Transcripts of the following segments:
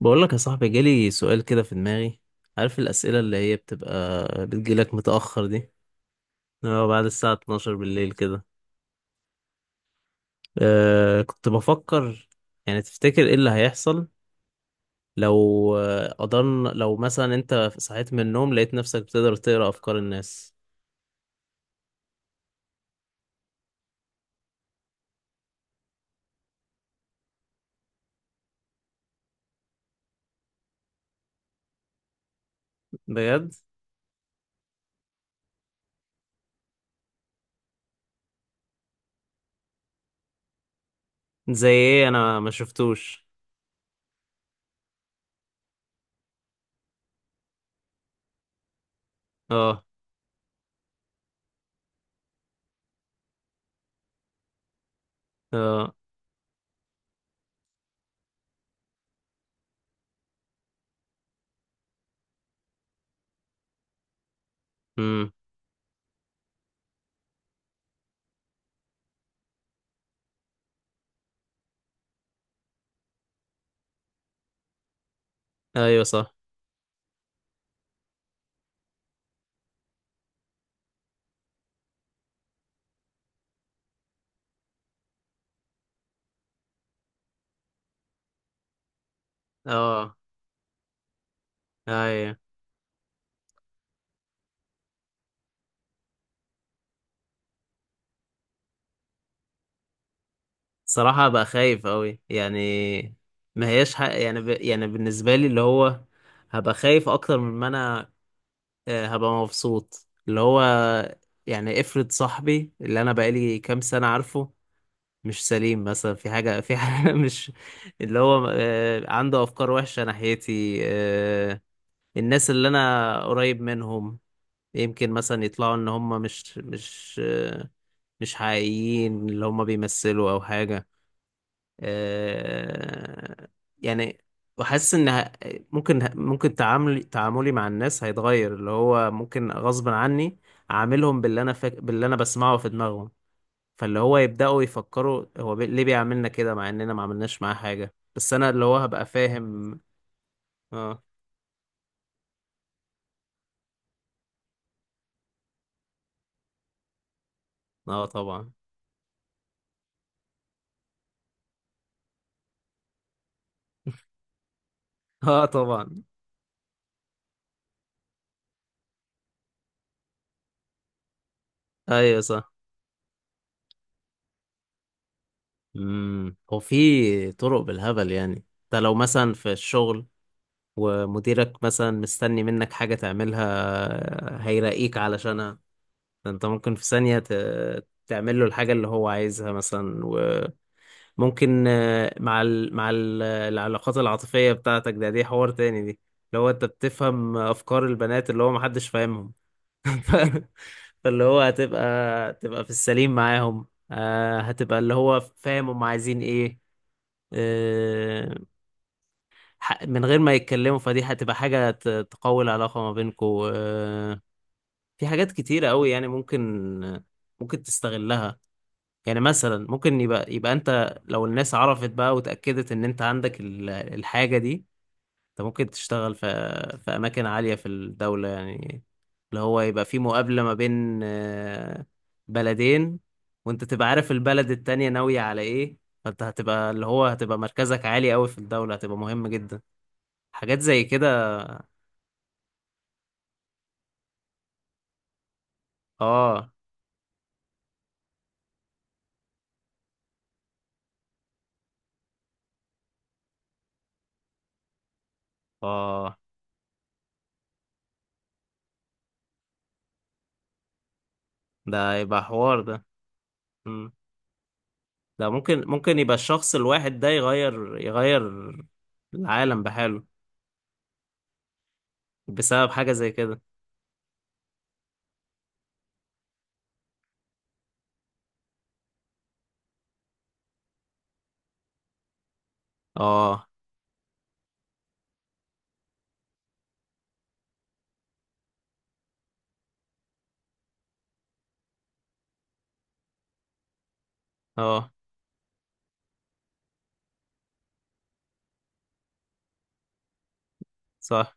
بقول لك يا صاحبي جالي سؤال كده في دماغي. عارف الأسئلة اللي هي بتبقى بتجيلك متأخر دي؟ اه، بعد الساعة 12 بالليل كده. كنت بفكر، يعني تفتكر ايه اللي هيحصل لو قدرنا، لو مثلا انت صحيت من النوم لقيت نفسك بتقدر تقرأ أفكار الناس؟ بجد. زي ايه؟ انا ما شفتوش. اه. اه. امم. ايوه صح. اه. ايوه. صراحة بقى خايف أوي يعني، ما هياش حق يعني، يعني بالنسبة لي اللي هو هبقى خايف أكتر من ما أنا، هبقى مبسوط. اللي هو يعني افرض صاحبي اللي أنا بقالي كام سنة عارفه مش سليم مثلا، في حاجة، مش، اللي هو عنده أفكار وحشة ناحيتي، الناس اللي أنا قريب منهم يمكن مثلا يطلعوا إن هم مش مش حقيقيين، اللي هم بيمثلوا أو حاجة. آه، يعني، وحاسس ان ه- ممكن تعاملي مع الناس هيتغير، اللي هو ممكن غصب عني اعاملهم باللي انا باللي انا بسمعه في دماغهم، فاللي هو يبداوا يفكروا هو، ليه بيعملنا كده، مع اننا ما عملناش معاه حاجه، بس انا اللي هو هبقى فاهم. اه. اه طبعا. اه طبعا. ايوه صح. هو في طرق بالهبل، يعني انت لو مثلا في الشغل ومديرك مثلا مستني منك حاجة تعملها هيراقيك علشانها، انت ممكن في ثانية تعمل له الحاجة اللي هو عايزها مثلا. وممكن مع العلاقات العاطفية بتاعتك، ده دي حوار تاني دي. اللي هو انت بتفهم افكار البنات اللي هو محدش فاهمهم. ف... فاللي هو تبقى في السليم معاهم، هتبقى اللي هو فاهم هم عايزين ايه، آه، من غير ما يتكلموا، فدي هتبقى حاجة تقوي العلاقة ما بينكوا، في حاجات كتيرة قوي يعني ممكن تستغلها. يعني مثلا ممكن يبقى انت لو الناس عرفت بقى وتأكدت ان انت عندك الحاجة دي، انت ممكن تشتغل في، في أماكن عالية في الدولة يعني، اللي هو يبقى في مقابلة ما بين بلدين، وانت تبقى عارف البلد التانية ناوية على ايه. فانت هتبقى اللي هو هتبقى مركزك عالي قوي في الدولة، هتبقى مهم جدا. حاجات زي كده. اه. اه. ده يبقى حوار ده. مم. ده ممكن يبقى الشخص الواحد ده يغير العالم بحاله، بسبب حاجة زي كده. اه. اه صح.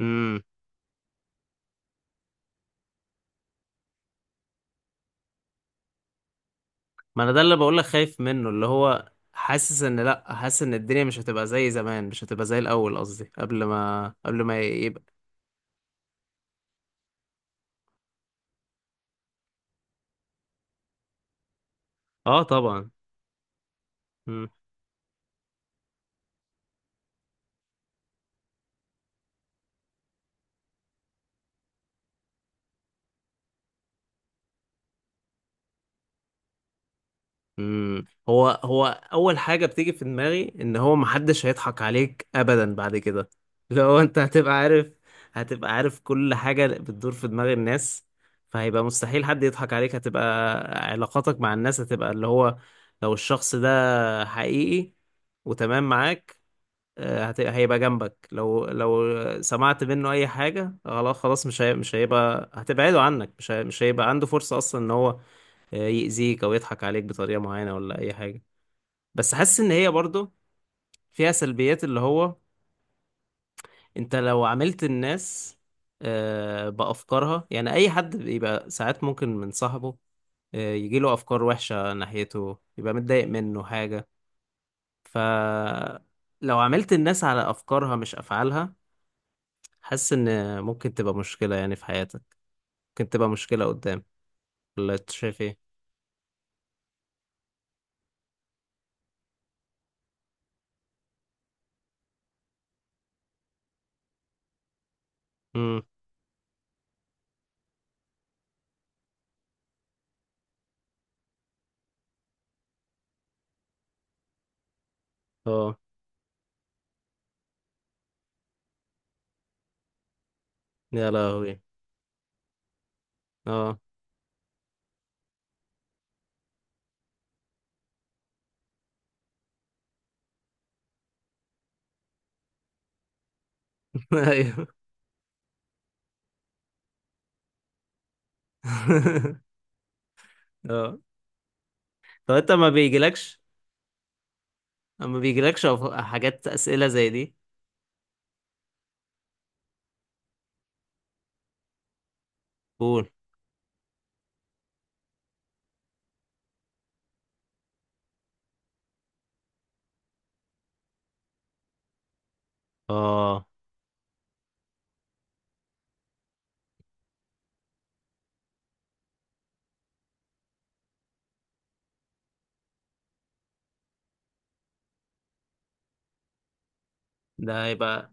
امم ما انا ده اللي بقولك خايف منه، اللي هو حاسس ان، لا، حاسس ان الدنيا مش هتبقى زي زمان، مش هتبقى زي الاول قصدي، قبل ما يبقى. اه طبعا. مم. هو هو اول حاجه بتيجي في دماغي ان هو محدش هيضحك عليك ابدا بعد كده. لو انت هتبقى عارف، هتبقى عارف كل حاجه بتدور في دماغ الناس، فهيبقى مستحيل حد يضحك عليك. هتبقى علاقاتك مع الناس، هتبقى اللي هو لو الشخص ده حقيقي وتمام معاك، هيبقى جنبك. لو سمعت منه اي حاجه، خلاص خلاص، مش هيبقى هتبعده عنك. مش هيبقى عنده فرصه اصلا ان هو يأذيك او يضحك عليك بطريقه معينه، ولا اي حاجه. بس حاسس ان هي برضو فيها سلبيات، اللي هو انت لو عملت الناس بافكارها، يعني اي حد بيبقى ساعات ممكن من صاحبه يجيله افكار وحشه ناحيته، يبقى متضايق منه حاجه. ف، لو عملت الناس على افكارها مش افعالها، حاسس ان ممكن تبقى مشكلة يعني في حياتك. ممكن تبقى مشكلة قدام. ولا انت شايف ايه؟ امم. اه. يا لهوي. اه. ايوه. اه. طب انت ما بيجيلكش، حاجات، اسئلة زي دي؟ قول. اه. ده هيبقى.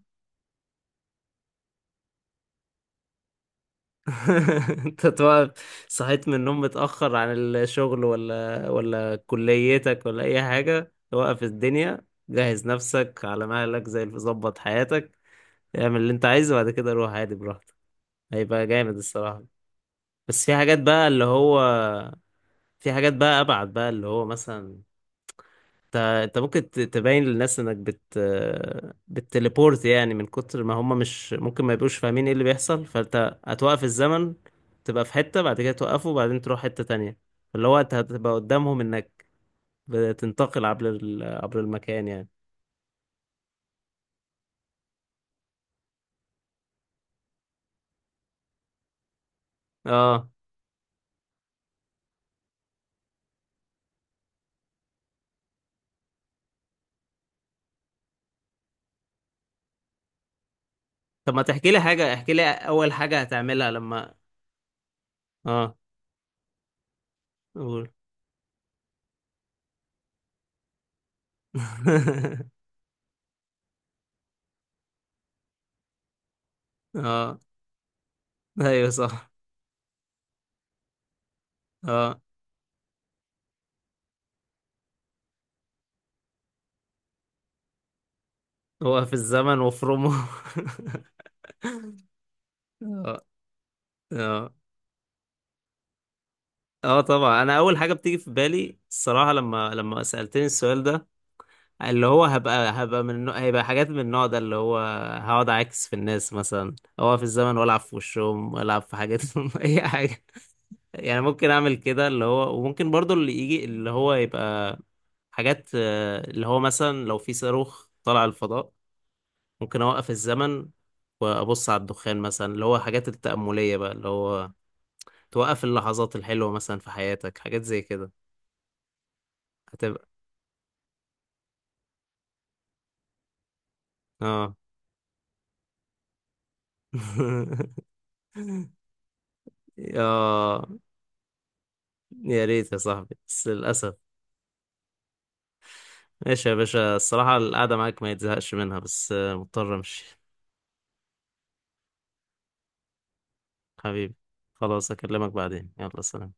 انت تبقى صحيت من النوم متأخر عن الشغل، ولا كليتك ولا اي حاجة، توقف الدنيا، جهز نفسك على مهلك زي اللي ظبط حياتك، اعمل اللي انت عايزه، وبعد كده روح عادي براحتك. هيبقى جامد الصراحة. بس في حاجات بقى اللي هو، في حاجات بقى أبعد بقى اللي هو، مثلا انت ممكن تبين للناس انك بتليبورت يعني، من كتر ما هم مش ممكن ما يبقوش فاهمين ايه اللي بيحصل. فانت هتوقف الزمن، تبقى في حتة، بعد كده توقفه وبعدين تروح حتة تانية، اللي هو انت هتبقى قدامهم انك بتنتقل عبر المكان يعني. اه. طب ما تحكي لي حاجة، احكي لي اول حاجة هتعملها لما. اه. قول. اه. ايوه صح. اه. وقف الزمن وافرمه. اه. اه. اه طبعا. انا اول حاجه بتيجي في بالي الصراحه، لما سالتني السؤال ده، اللي هو هبقى من هيبقى حاجات من النوع ده، اللي هو هقعد اعكس في الناس مثلا، اوقف الزمن والعب في وشهم والعب في حاجاتهم. اي حاجه يعني، ممكن اعمل كده اللي هو، وممكن برضو اللي يجي اللي هو يبقى حاجات، اللي هو مثلا لو في صاروخ طلع الفضاء، ممكن اوقف الزمن وابص على الدخان مثلا، اللي هو حاجات التأملية بقى، اللي هو توقف اللحظات الحلوة مثلا في حياتك، حاجات زي كده. هتبقى. اه. اه. يا ريت يا صاحبي بس للأسف. ماشي يا باشا، الصراحة القعدة معاك ما يتزهقش منها، بس مضطر امشي. حبيبي. خلاص اكلمك بعدين، يلا سلام.